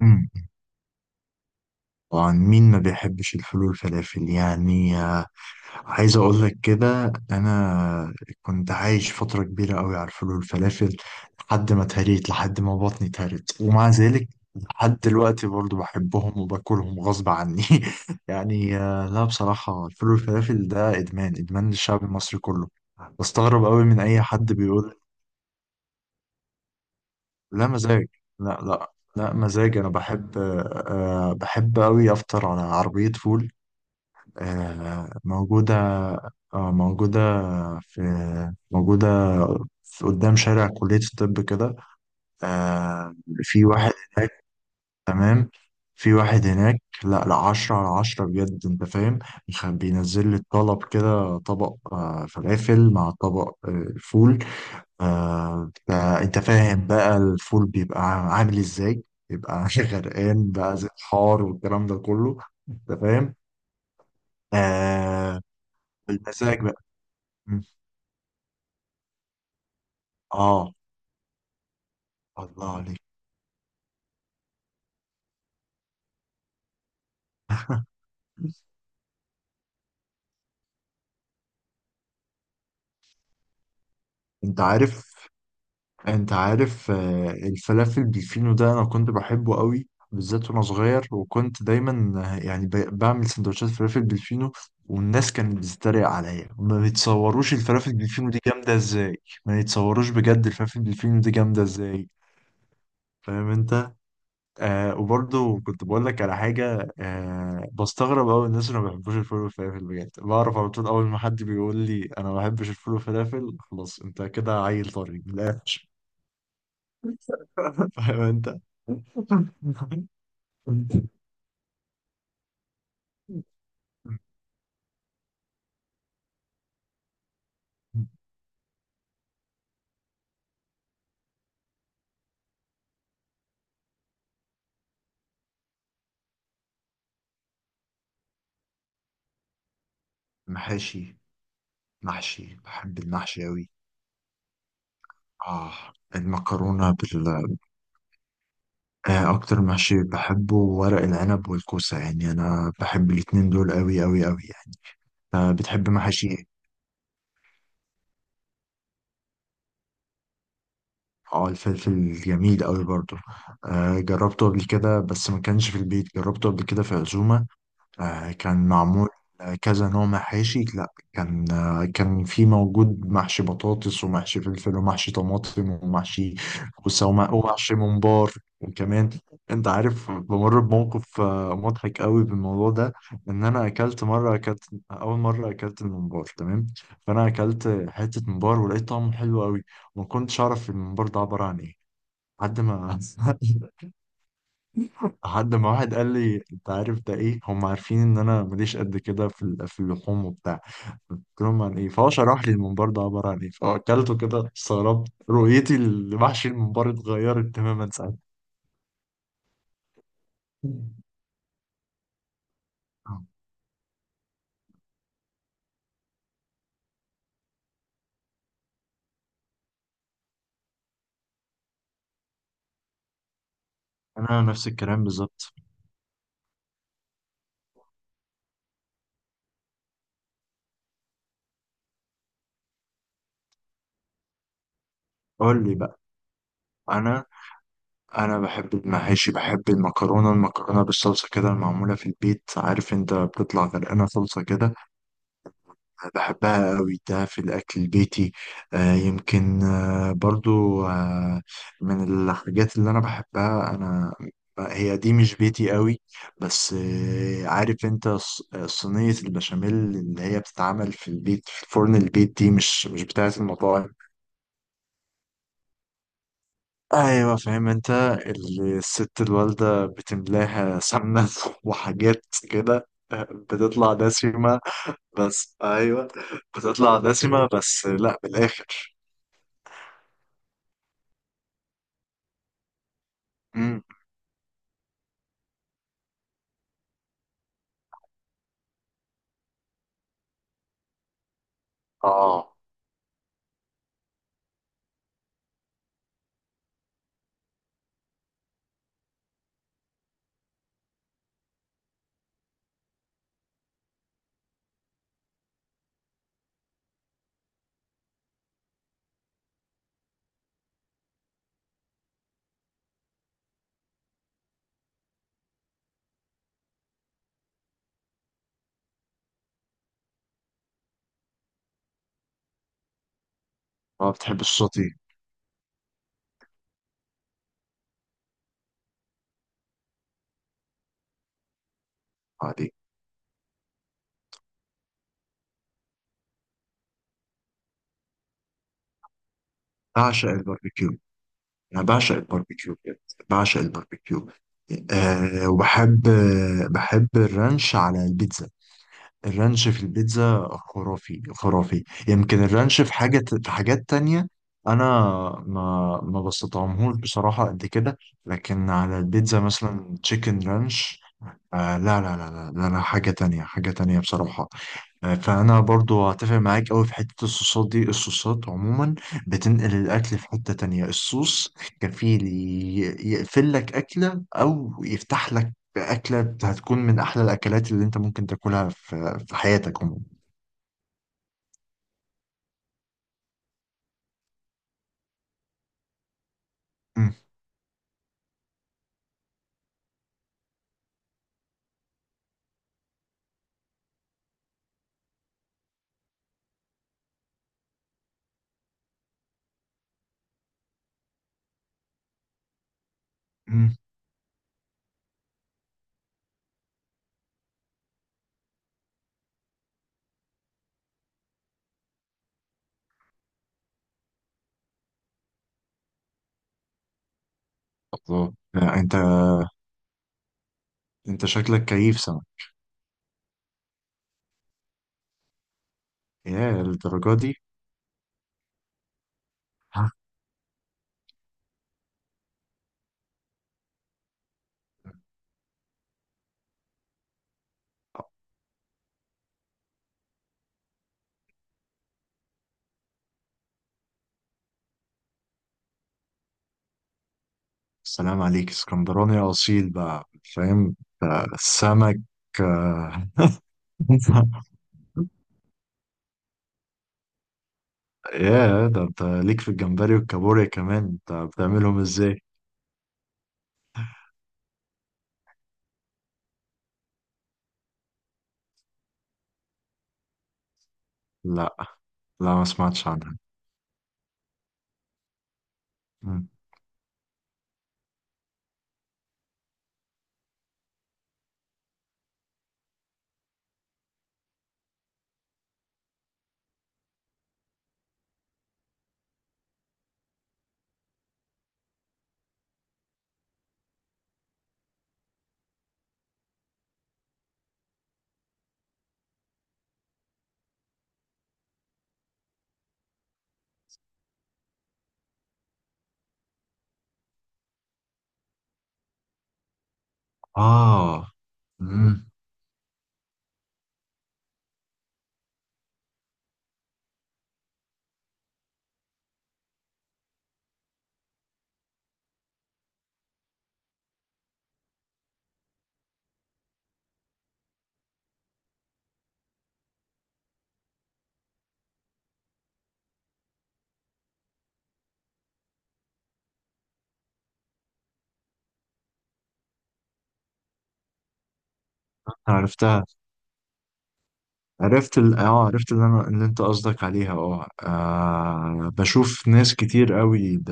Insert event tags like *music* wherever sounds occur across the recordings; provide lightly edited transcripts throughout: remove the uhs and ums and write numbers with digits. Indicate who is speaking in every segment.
Speaker 1: مم. طبعا، مين ما بيحبش الفول والفلافل؟ يعني عايز اقول لك كده انا كنت عايش فتره كبيره قوي على الفول والفلافل، لحد ما اتهريت، لحد ما بطني اتهرت، ومع ذلك لحد دلوقتي برضو بحبهم وباكلهم غصب عني. *laughs* يعني لا، بصراحه الفول والفلافل ده ادمان، ادمان للشعب المصري كله. بستغرب قوي من اي حد بيقول. لا، مزاج. لا لا لا، مزاج. انا بحب. بحب قوي افطر على عربيه فول. آه، موجودة. آه، موجودة في موجودة في قدام شارع كلية الطب كده. آه، في واحد هناك، تمام. في واحد هناك، لا لا، عشرة على عشرة بجد، انت فاهم. بينزل لي الطلب كده، طبق فلافل مع طبق فول. آه، ده انت فاهم بقى الفول بيبقى عامل ازاي؟ بيبقى *laughs* غرقان بقى، زي الحار والكلام ده كله. انت فاهم. آه. بالمزاج بقى. مم. اه. الله عليك. *laughs* انت عارف انت عارف الفلافل بالفينو ده انا كنت بحبه قوي بالذات وانا صغير، وكنت دايما يعني بعمل سندوتشات فلافل بالفينو. والناس كانت بتتريق عليا، ما يتصوروش الفلافل بالفينو دي جامده ازاي. ما يتصوروش بجد الفلافل بالفينو دي جامده ازاي. فاهم انت. آه، وبرضه كنت بقول لك على حاجة. بستغرب أوي الناس اللي ما بيحبوش الفول والفلافل، بجد بعرف على طول. أول ما حد بيقول لي أنا ما بحبش الفول والفلافل، خلاص أنت كده عيل طري من الآخر. *laughs* فاهم أنت. محاشي. بحب المحشي أوي. آه. المكرونة بال أكتر محشي بحبه ورق العنب والكوسة، يعني أنا بحب الاتنين دول أوي أوي أوي يعني. آه، بتحب محاشي إيه؟ اه، الفلفل جميل قوي برضه. آه، جربته قبل كده بس ما كانش في البيت، جربته قبل كده في عزومة. كان معمول كذا نوع محاشي. لا، كان كان في موجود محشي بطاطس ومحشي فلفل ومحشي طماطم ومحشي كوسة ومحشي ممبار، وكمان انت عارف، بمر بموقف مضحك قوي بالموضوع ده. ان انا اكلت مره، اكلت اول مره اكلت الممبار، تمام. فانا اكلت حته ممبار ولقيت طعمه حلو قوي، وما كنتش اعرف الممبار ده عباره عن ايه، لحد ما *laughs* لحد ما واحد قال لي انت عارف ده ايه؟ هم عارفين ان انا ماليش قد كده في في اللحوم وبتاع. قلت لهم عن ايه، فهو شرح لي الممبار ده عباره عن ايه، فاكلته كده استغربت. رؤيتي لمحشي الممبار اتغيرت تماما ساعتها. انا نفس الكلام بالظبط. قول لي بقى. انا انا بحب المحاشي، بحب المكرونه بالصلصه كده، المعموله في البيت، عارف انت بتطلع غرقانه صلصه كده، بحبها قوي. ده في الأكل البيتي. يمكن برضو من الحاجات اللي أنا بحبها أنا، هي دي مش بيتي قوي. بس عارف أنت صينية البشاميل اللي هي بتتعمل في البيت في فرن البيت، دي مش بتاعة المطاعم. أيوة، فاهم أنت. الست الوالدة بتملاها سمنة *laughs* وحاجات كده، بتطلع دسمة. بس أيوة، بتطلع دسمة بس لا بالآخر. امم. اه. ما بتحب السوتي؟ آه، دي. بعشق الباربيكيو، يعني بعشق الباربيكيو بجد، بعشق الباربيكيو. آه، وبحب بحب الرانش على البيتزا. الرانش في البيتزا خرافي خرافي. يمكن الرانش في حاجة، في حاجات تانية انا ما بستطعمهوش بصراحة قد كده، لكن على البيتزا مثلا تشيكن رانش. آه، لا لا لا لا لا لا، حاجة تانية، حاجة تانية بصراحة. فانا برضو هتفق معاك قوي في حته الصوصات دي. الصوصات عموما بتنقل الاكل في حته تانية. الصوص كفيل يقفل لك اكله او يفتح لك اكله. هتكون من احلى الاكلات اللي انت ممكن تاكلها في حياتك عموما. أمم، أمم. الله، لا، انت شكلك كيف سمك؟ يا الدرجه دي! ها. سلام عليك، اسكندراني اصيل بقى. فاهم. سمك. آه، *laughs* يا ده، انت ليك في الجمبري والكابوريا كمان، انت بتعملهم ازاي؟ لا لا، ما سمعتش عنها. مم. اه. مم. عرفتها. اه، عرفت اللي اللي انت قصدك عليها. اه. بشوف ناس كتير قوي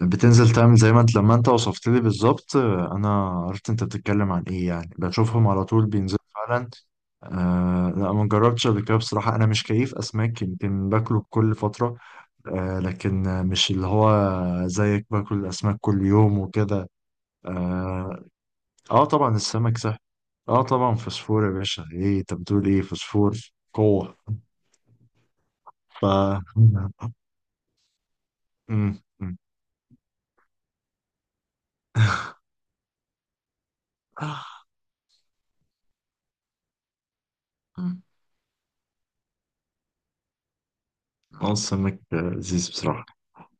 Speaker 1: بتنزل تعمل زي ما انت لما انت وصفت لي بالظبط. انا عرفت انت بتتكلم عن ايه، يعني بشوفهم على طول بينزلوا فعلا. آه، لا، ما جربتش قبل كده بصراحة، أنا مش كيف أسماك، يمكن باكله بكل فترة. آه، لكن مش اللي هو زيك، باكل الأسماك كل يوم وكده. آه. آه، طبعا السمك صح. آه، طبعا فوسفور يا باشا، إيه أنت بتقول إيه؟ فوسفور، قوة. ف *laughs* مم، مم. اه. السمك لذيذ بصراحة.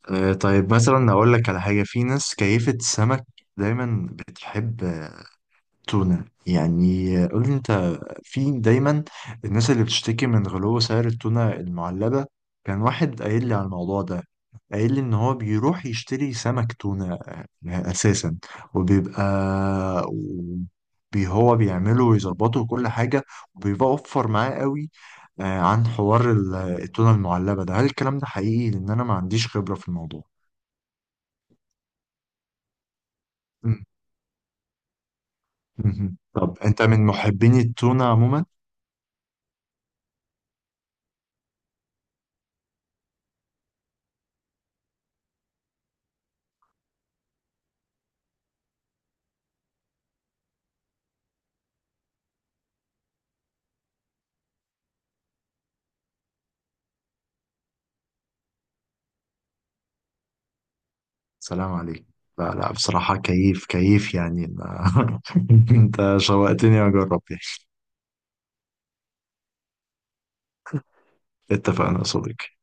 Speaker 1: طيب مثلا أقول لك على حاجة، في ناس كيفة السمك دايما بتحب تونة يعني. قول لي أنت، في دايما الناس اللي بتشتكي من غلو سعر التونة المعلبة. كان واحد قايل لي على الموضوع ده، قايل لي ان هو بيروح يشتري سمك تونة اساسا، وبيبقى هو بيعمله ويظبطه وكل حاجة، وبيبقى اوفر معاه قوي عن حوار التونة المعلبة ده. هل الكلام ده حقيقي؟ لان انا ما عنديش خبرة في الموضوع. مم. مهم. طب انت من محبين التونة عموما؟ سلام عليك. لا لا، بصراحة كيف كيف يعني *laughs* انت شوقتني اجرب يعني. اتفقنا يا صديقي.